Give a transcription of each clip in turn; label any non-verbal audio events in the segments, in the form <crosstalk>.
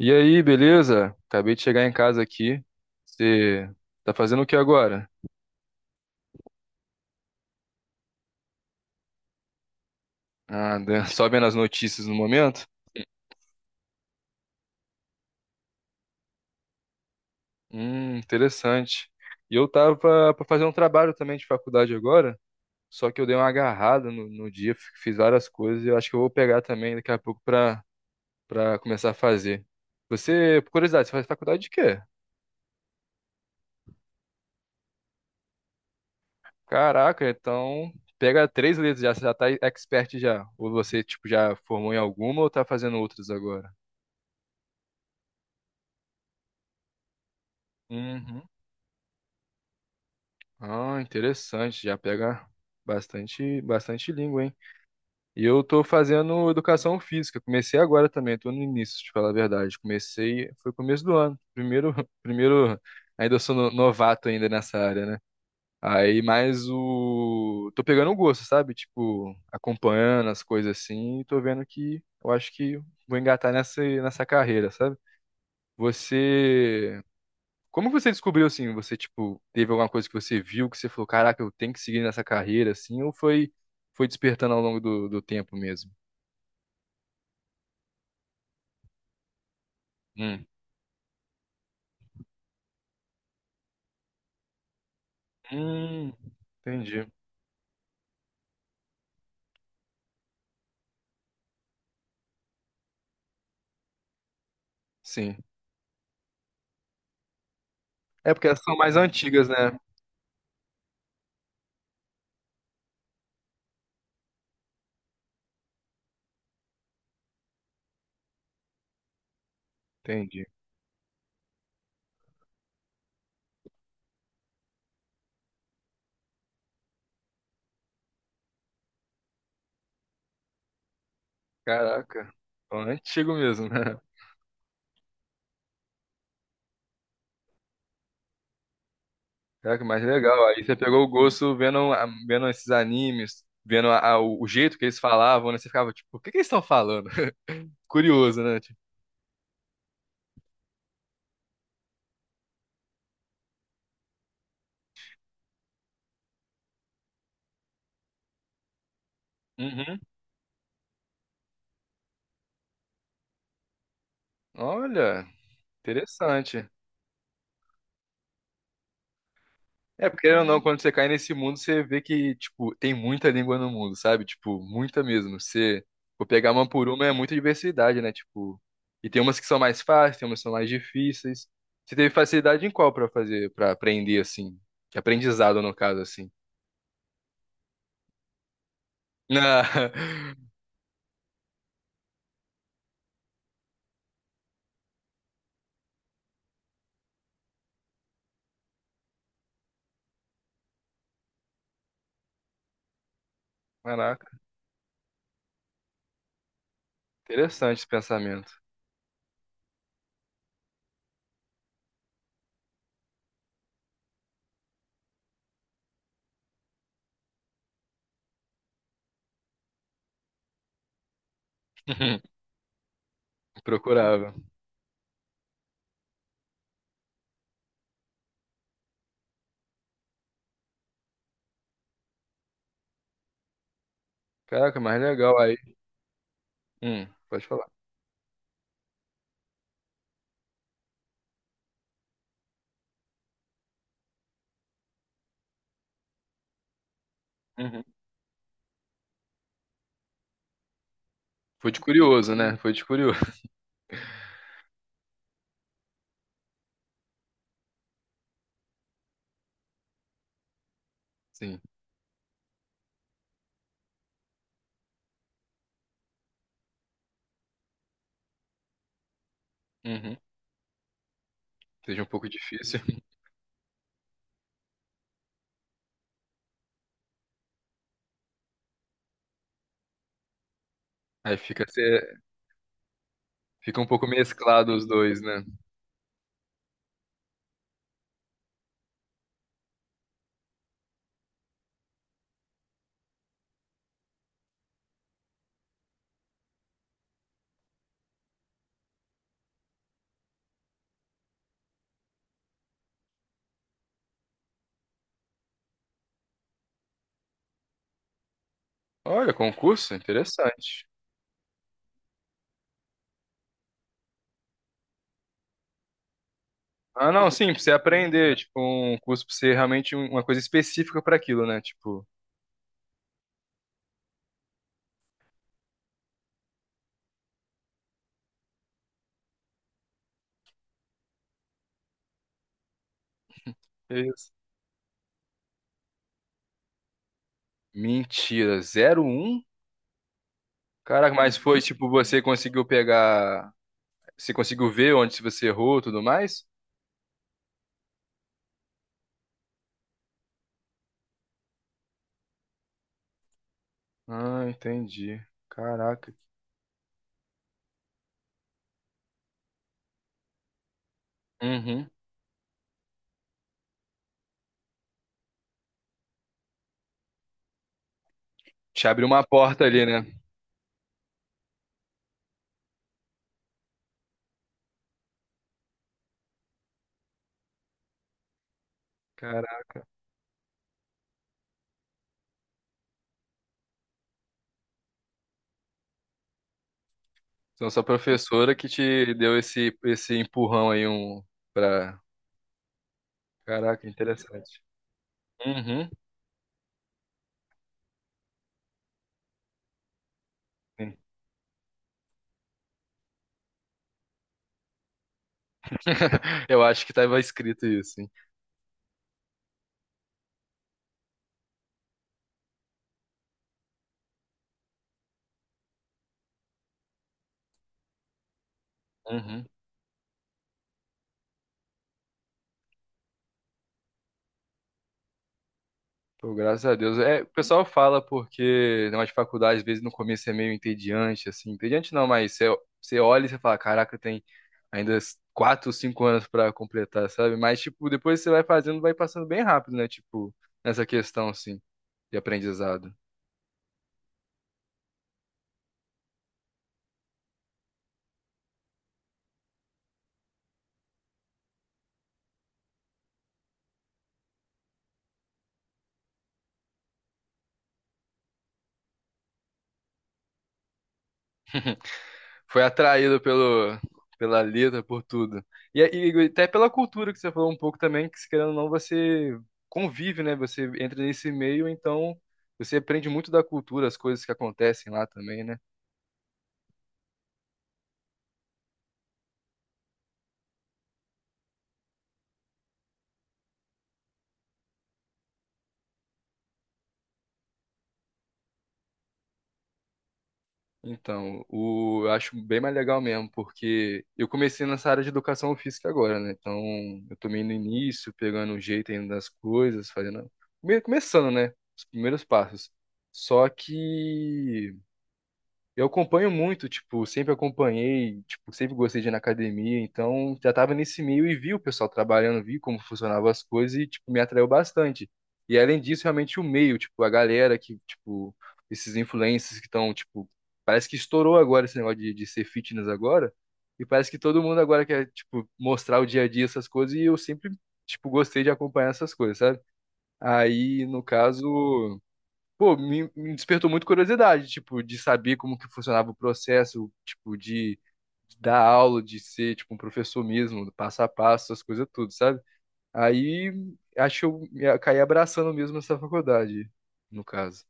E aí, beleza? Acabei de chegar em casa aqui. Você tá fazendo o que agora? Ah, né, <laughs> só vendo as notícias no momento? Interessante. E eu tava pra fazer um trabalho também de faculdade agora, só que eu dei uma agarrada no dia, fiz várias coisas e eu acho que eu vou pegar também daqui a pouco pra, pra começar a fazer. Você, por curiosidade, você faz faculdade de quê? Caraca, então pega três letras já, você já tá expert já. Ou você, tipo, já formou em alguma ou tá fazendo outras agora? Uhum. Ah, interessante. Já pega bastante, bastante língua, hein? E eu tô fazendo educação física. Comecei agora também, tô no início, te falar a verdade. Comecei, foi começo do ano. Primeiro, <laughs> primeiro, ainda sou novato ainda nessa área, né? Aí, mas o... Tô pegando o gosto, sabe? Tipo, acompanhando as coisas assim e tô vendo que eu acho que vou engatar nessa carreira, sabe? Você Como você descobriu assim? Você, tipo, teve alguma coisa que você viu que você falou, caraca, eu tenho que seguir nessa carreira, assim, ou foi, foi despertando ao longo do tempo mesmo? Hum. Hum, entendi. Sim. É porque elas são mais antigas, né? Entendi. Caraca. Então, é antigo mesmo, né? Caraca, mais legal. Aí você pegou o gosto vendo, vendo esses animes, vendo o jeito que eles falavam, né? Você ficava, tipo, o que que eles estão falando? <laughs> Curioso, né? Tipo, uhum. Olha, interessante. É, porque querendo ou não, quando você cai nesse mundo, você vê que, tipo, tem muita língua no mundo, sabe? Tipo, muita mesmo. Você, vou pegar uma por uma, é muita diversidade, né? Tipo, e tem umas que são mais fáceis, tem umas que são mais difíceis. Você teve facilidade em qual pra fazer, pra aprender, assim? De aprendizado, no caso, assim. Na- <laughs> Caraca, interessante esse pensamento. <laughs> Procurava. Caraca, mais legal aí. Pode falar. Uhum. Foi de curioso, né? Foi de curioso. <laughs> Sim. Uhum. Seja um pouco difícil. <laughs> Aí fica. Fica um pouco mesclado os dois, né? Olha, concurso, interessante. Ah, não, sim, pra você aprender, tipo, um curso pra ser realmente uma coisa específica pra aquilo, né? Tipo, que isso. Mentira, 01? Caraca, mas foi tipo você conseguiu pegar, você conseguiu ver onde você errou, e tudo mais? Ah, entendi. Caraca. Uhum. Te abriu uma porta ali, né? Caraca. Então sua professora que te deu esse empurrão aí um para. Caraca, interessante. Uhum. <laughs> Eu acho que estava escrito isso, hein? Uhum. Pô, graças a Deus. É, o pessoal fala porque na de faculdade, às vezes, no começo é meio entediante, assim. Entediante não, mas você, você olha e você fala, caraca, tem ainda 4, 5 anos para completar, sabe? Mas, tipo, depois você vai fazendo, vai passando bem rápido, né? Tipo, nessa questão, assim, de aprendizado. Foi atraído pelo, pela letra, por tudo. E, é, e até pela cultura que você falou um pouco também, que se querendo ou não, você convive, né? Você entra nesse meio, então você aprende muito da cultura, as coisas que acontecem lá também, né? Então, o, eu acho bem mais legal mesmo, porque eu comecei nessa área de educação física agora, né? Então, eu tô meio no início, pegando o jeito ainda das coisas, fazendo. Meio começando, né? Os primeiros passos. Só que. Eu acompanho muito, tipo, sempre acompanhei, tipo, sempre gostei de ir na academia, então já tava nesse meio e vi o pessoal trabalhando, vi como funcionavam as coisas e, tipo, me atraiu bastante. E além disso, realmente o meio, tipo, a galera que, tipo, esses influencers que estão, tipo, parece que estourou agora esse negócio de ser fitness agora, e parece que todo mundo agora quer, tipo, mostrar o dia a dia essas coisas e eu sempre, tipo, gostei de acompanhar essas coisas, sabe? Aí, no caso pô, me despertou muito curiosidade, tipo, de saber como que funcionava o processo, tipo, de dar aula, de ser, tipo, um professor mesmo, passo a passo, essas coisas tudo, sabe? Aí, acho que eu caí abraçando mesmo essa faculdade, no caso.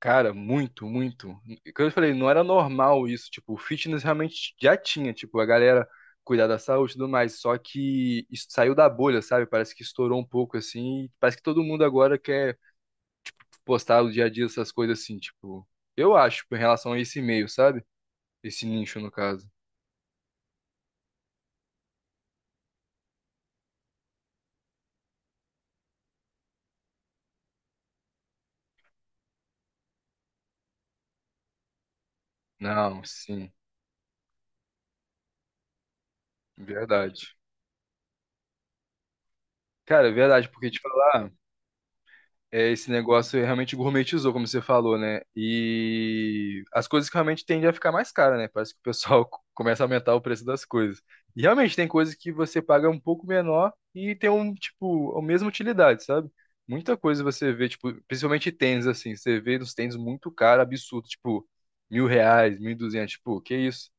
Cara, muito, muito. Como eu falei, não era normal isso, tipo, o fitness realmente já tinha, tipo, a galera cuidar da saúde e tudo mais, só que isso saiu da bolha, sabe? Parece que estourou um pouco, assim, parece que todo mundo agora quer postar o dia a dia, essas coisas assim, tipo, eu acho, em relação a esse meio, sabe? Esse nicho, no caso. Não, sim, verdade. Cara, é verdade, porque te falar. É, esse negócio realmente gourmetizou, como você falou, né? E as coisas que realmente tendem a ficar mais caras, né? Parece que o pessoal <laughs> começa a aumentar o preço das coisas. E realmente tem coisas que você paga um pouco menor e tem um, tipo, a mesma utilidade, sabe? Muita coisa você vê, tipo, principalmente tênis, assim, você vê uns tênis muito caros, absurdo, tipo, R$ 1.000, 1.200, tipo, que isso?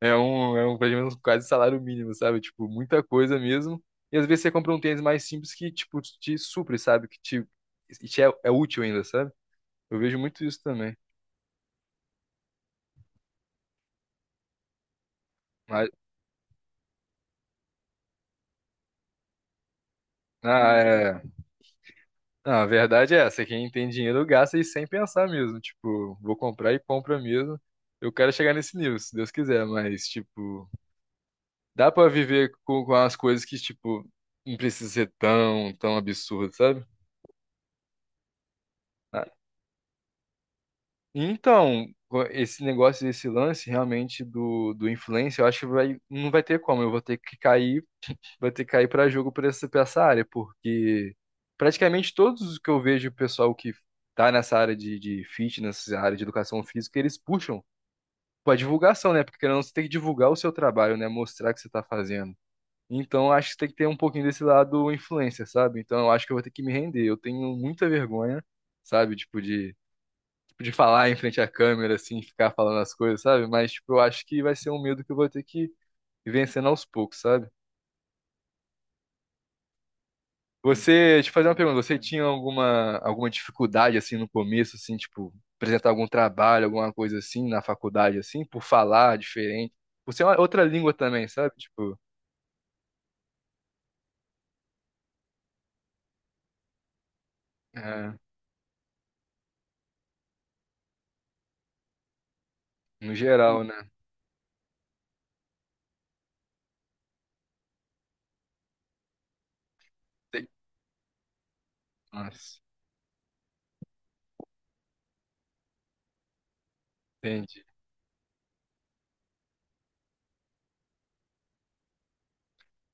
É um, pelo menos quase salário mínimo, sabe? Tipo, muita coisa mesmo. E às vezes você compra um tênis mais simples que, tipo, te supre, sabe? Que te, e te é, é útil ainda, sabe? Eu vejo muito isso também. Mas, ah, é... Não, a verdade é essa. Quem tem dinheiro gasta e sem pensar mesmo. Tipo, vou comprar e compra mesmo. Eu quero chegar nesse nível, se Deus quiser. Mas, tipo, dá pra viver com as coisas que, tipo, não precisa ser tão, tão absurdo, sabe? Ah, então, esse negócio, esse lance realmente do influencer, eu acho que vai, não vai ter como. Eu vou ter que cair, vou ter que cair para jogo por essa, pra essa área, porque praticamente todos os que eu vejo o pessoal que tá nessa área de fitness, essa área de educação física, eles puxam pra divulgação, né? Porque querendo ou não, você tem que divulgar o seu trabalho, né? Mostrar o que você tá fazendo. Então, eu acho que tem que ter um pouquinho desse lado influencer, sabe? Então, eu acho que eu vou ter que me render. Eu tenho muita vergonha, sabe? Tipo, de falar em frente à câmera, assim, ficar falando as coisas, sabe? Mas, tipo, eu acho que vai ser um medo que eu vou ter que ir vencendo aos poucos, sabe? Você, deixa eu fazer uma pergunta, você tinha alguma, alguma dificuldade, assim, no começo, assim, tipo, apresentar algum trabalho, alguma coisa assim, na faculdade, assim, por falar diferente? Por ser uma outra língua também, sabe? Tipo, é, no geral, né? Tem- Nossa, entendi.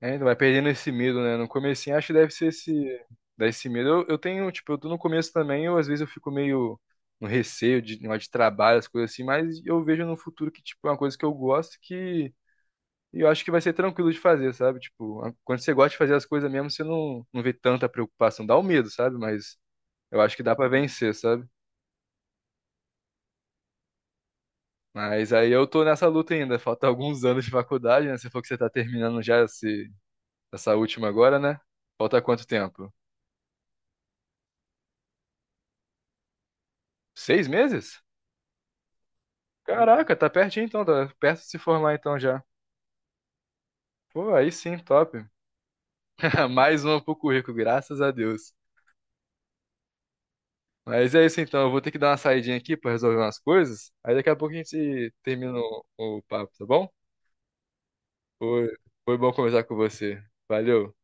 É, então vai perdendo esse medo, né? No comecinho acho que deve ser esse, dá esse medo. Eu tenho, tipo, eu tô no começo também, eu às vezes eu fico meio no receio de trabalho, as coisas assim, mas eu vejo no futuro que, tipo, é uma coisa que eu gosto que eu acho que vai ser tranquilo de fazer, sabe? Tipo, quando você gosta de fazer as coisas mesmo, você não, não vê tanta preocupação, dá o medo, sabe? Mas eu acho que dá pra vencer, sabe? Mas aí eu tô nessa luta ainda, falta alguns anos de faculdade, né? Você falou que você tá terminando já esse, essa última agora, né? Falta quanto tempo? 6 meses? Caraca, tá pertinho então, tá perto de se formar então já. Pô, aí sim, top. <laughs> Mais uma pro currículo, graças a Deus. Mas é isso então, eu vou ter que dar uma saidinha aqui pra resolver umas coisas. Aí daqui a pouco a gente termina o papo, tá bom? Foi, foi bom conversar com você. Valeu.